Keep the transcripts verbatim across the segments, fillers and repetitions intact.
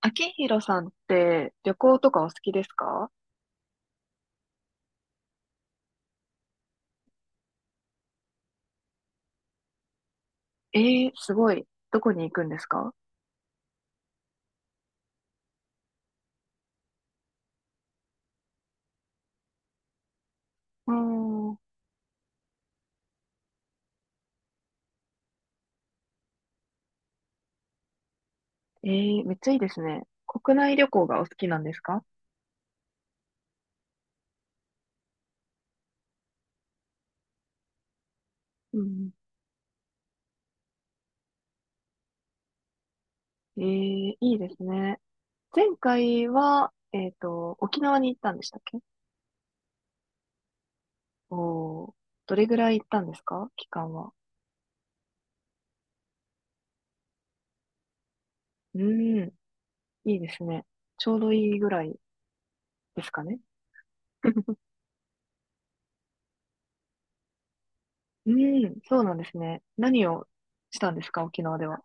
秋広さんって旅行とかお好きですか？えー、すごい。どこに行くんですか？うーん。えー、めっちゃいいですね。国内旅行がお好きなんですか？うん。えー、いいですね。前回は、えっと、沖縄に行ったんでしたっけ？おー、どれぐらい行ったんですか、期間は？うーん、いいですね。ちょうどいいぐらいですかね。うーん、そうなんですね。何をしたんですか、沖縄では？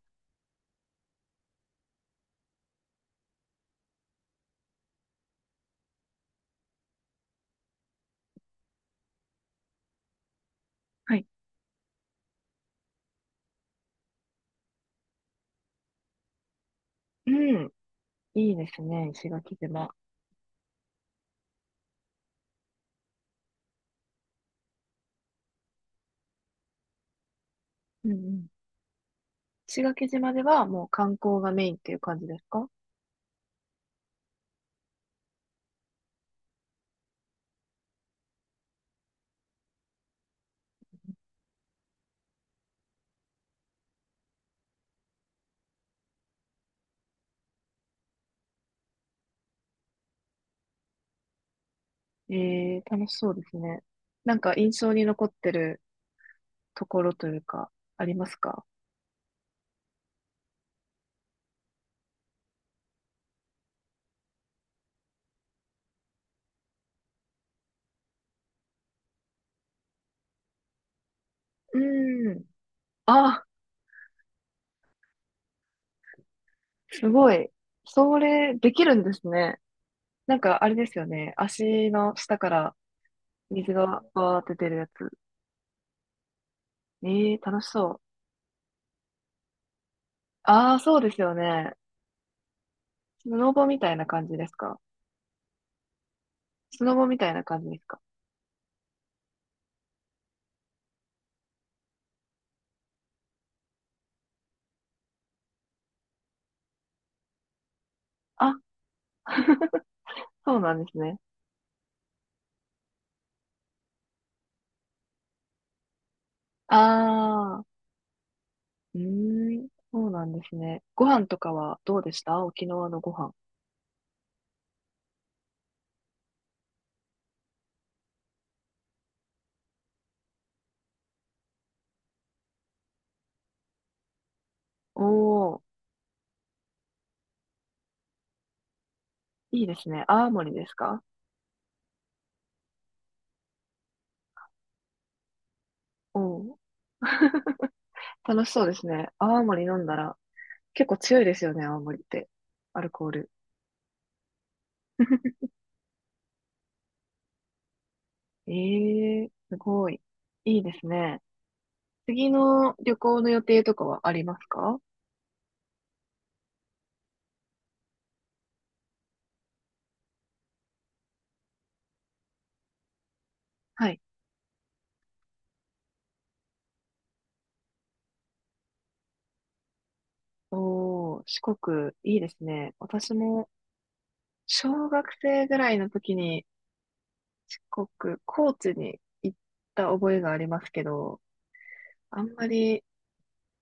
はい。うん。いいですね、石垣島。うんうん。石垣島ではもう観光がメインっていう感じですか？ええー、楽しそうですね。なんか印象に残ってるところというか、ありますか？うーん。あ、すごい。それ、できるんですね。なんかあれですよね。足の下から水がバーって出るやつ。ええー、楽しそう。ああ、そうですよね。スノボみたいな感じですか？スノボみたいな感じですか？あ、そうなんですね。ああ。うーん、そうなんですね。ご飯とかはどうでした、沖縄のご飯？おー、いいですね。泡盛ですか？おー、楽しそうですね。泡盛飲んだら、結構強いですよね、泡盛って。アルコール。えー、すごい。いいですね。次の旅行の予定とかはありますか？はい。おー、四国、いいですね。私も、小学生ぐらいの時に、四国、高知に行った覚えがありますけど、あんまり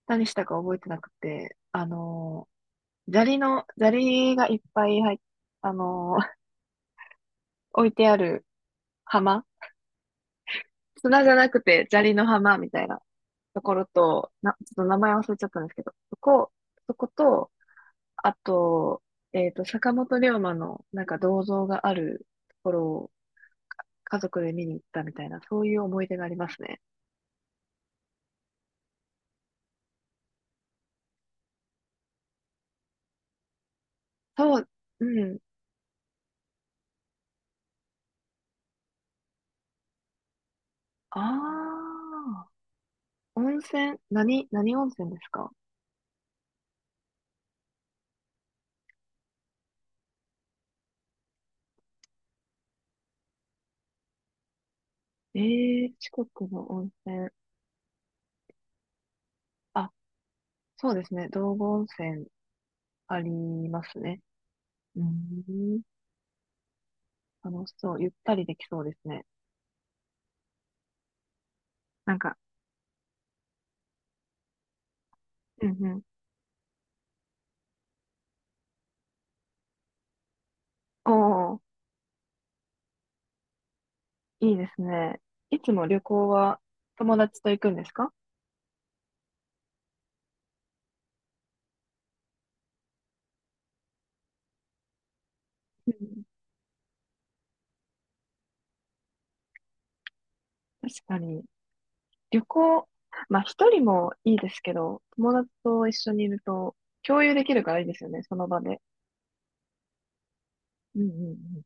何したか覚えてなくて、あのー、砂利の、砂利がいっぱい入っ、あのー、置いてある浜砂じゃなくて砂利の浜みたいなところと、な、ちょっと名前忘れちゃったんですけど、そこ、そこと、あと、えっと、坂本龍馬のなんか銅像があるところを家族で見に行ったみたいな、そういう思い出がありますね。そう、うん。ああ、温泉、何、何温泉ですか？ええ、四国の温泉。あ、そうですね。道後温泉ありますね。うーん。楽しそう。ゆったりできそうですね。なんか、うんうん。おー、いいですね。いつも旅行は友達と行くんですか？うん。確かに。旅行、まあ一人もいいですけど、友達と一緒にいると共有できるからいいですよね、その場で。うんうんうん。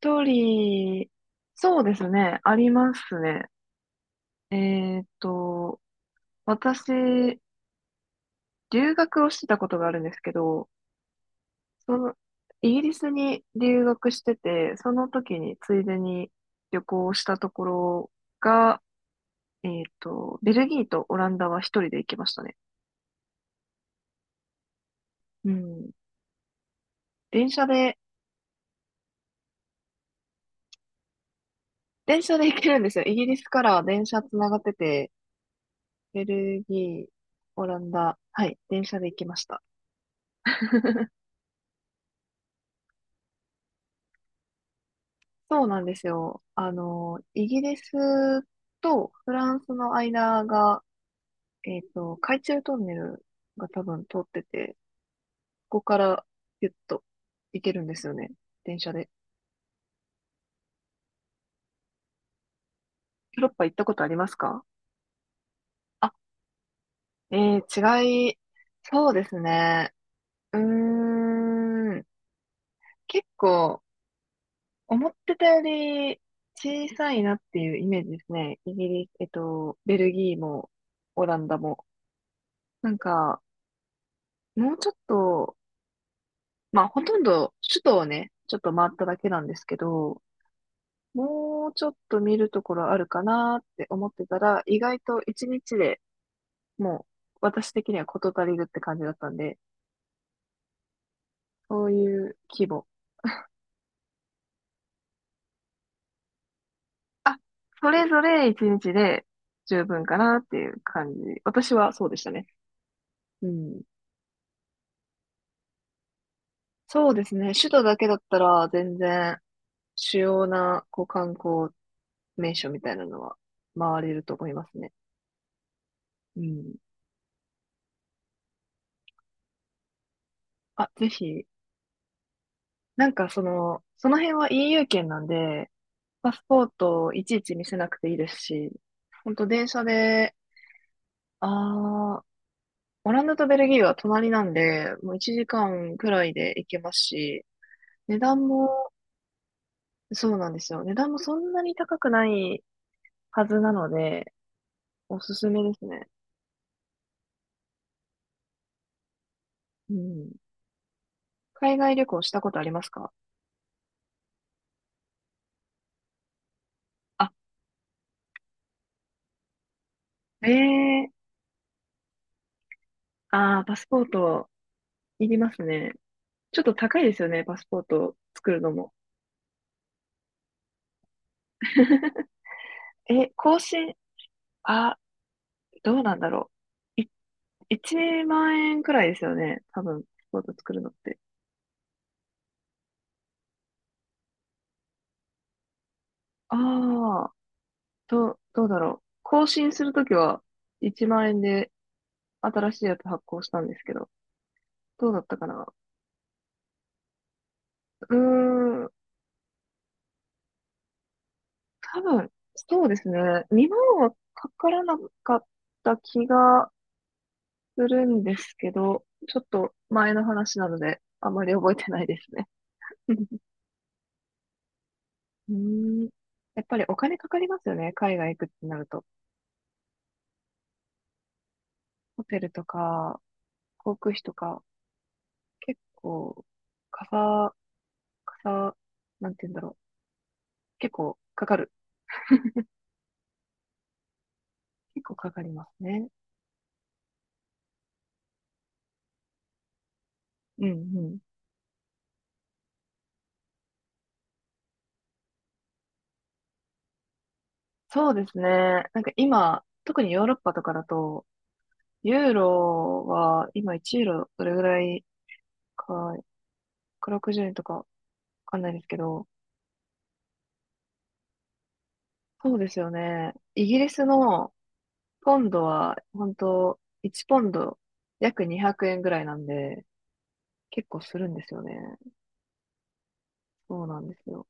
一人、そうですね、ありますね。えーっと、私、留学をしてたことがあるんですけど、その、イギリスに留学してて、その時についでに旅行したところが、えっと、ベルギーとオランダは一人で行きましたね。うん。電車で、電車で、行けるんですよ。イギリスから電車つながってて、ベルギー、オランダ、はい、電車で行きました。そうなんですよ。あの、イギリスとフランスの間がえっと、海中トンネルが多分通ってて、ここからピュッと行けるんですよね。電車で。ヨーロッパ行ったことありますか？あ、えー、違い、そうですね。うーん、結構、思ってたより小さいなっていうイメージですね。イギリス、えっと、ベルギーも、オランダも。なんか、もうちょっと、まあ、ほとんど首都をね、ちょっと回っただけなんですけど、もうちょっと見るところあるかなって思ってたら、意外と一日でもう私的には事足りるって感じだったんで、そういう規模。あ、それぞれ一日で十分かなっていう感じ。私はそうでしたね。うん。そうですね。首都だけだったら全然主要なこう観光名所みたいなのは回れると思いますね。うん。あ、ぜひ、なんかその、その辺は イーユー 圏なんで、パスポートをいちいち見せなくていいですし、ほんと電車で、あー、オランダとベルギーは隣なんで、もういちじかんくらいで行けますし、値段も、そうなんですよ。値段もそんなに高くないはずなので、おすすめですね。うん。海外旅行したことありますか？あ、ええー、ああ、パスポートいりますね。ちょっと高いですよね、パスポート作るのも。え、更新、あ、どうなんだろう。いちまん円くらいですよね。多分、スポーツ作るのって。ああ、ど、どうだろう。更新するときはいちまん円で新しいやつ発行したんですけど、どうだったかな。うーん、多分、そうですね。にまんはかからなかった気がするんですけど、ちょっと前の話なので、あまり覚えてないですね。うーん、やっぱりお金かかりますよね。海外行くってなると。ホテルとか、航空費とか。結構、かさ、かさ、なんて言うんだろう。結構かかる。結構かかりますね。うんうん。そうですね。なんか今、特にヨーロッパとかだと、ユーロは今いちユーロどれぐらいか、ひゃくろくじゅうえんとかわかんないですけど、そうですよね。イギリスのポンドは、本当いちポンド約にひゃくえんぐらいなんで、結構するんですよね。そうなんですよ。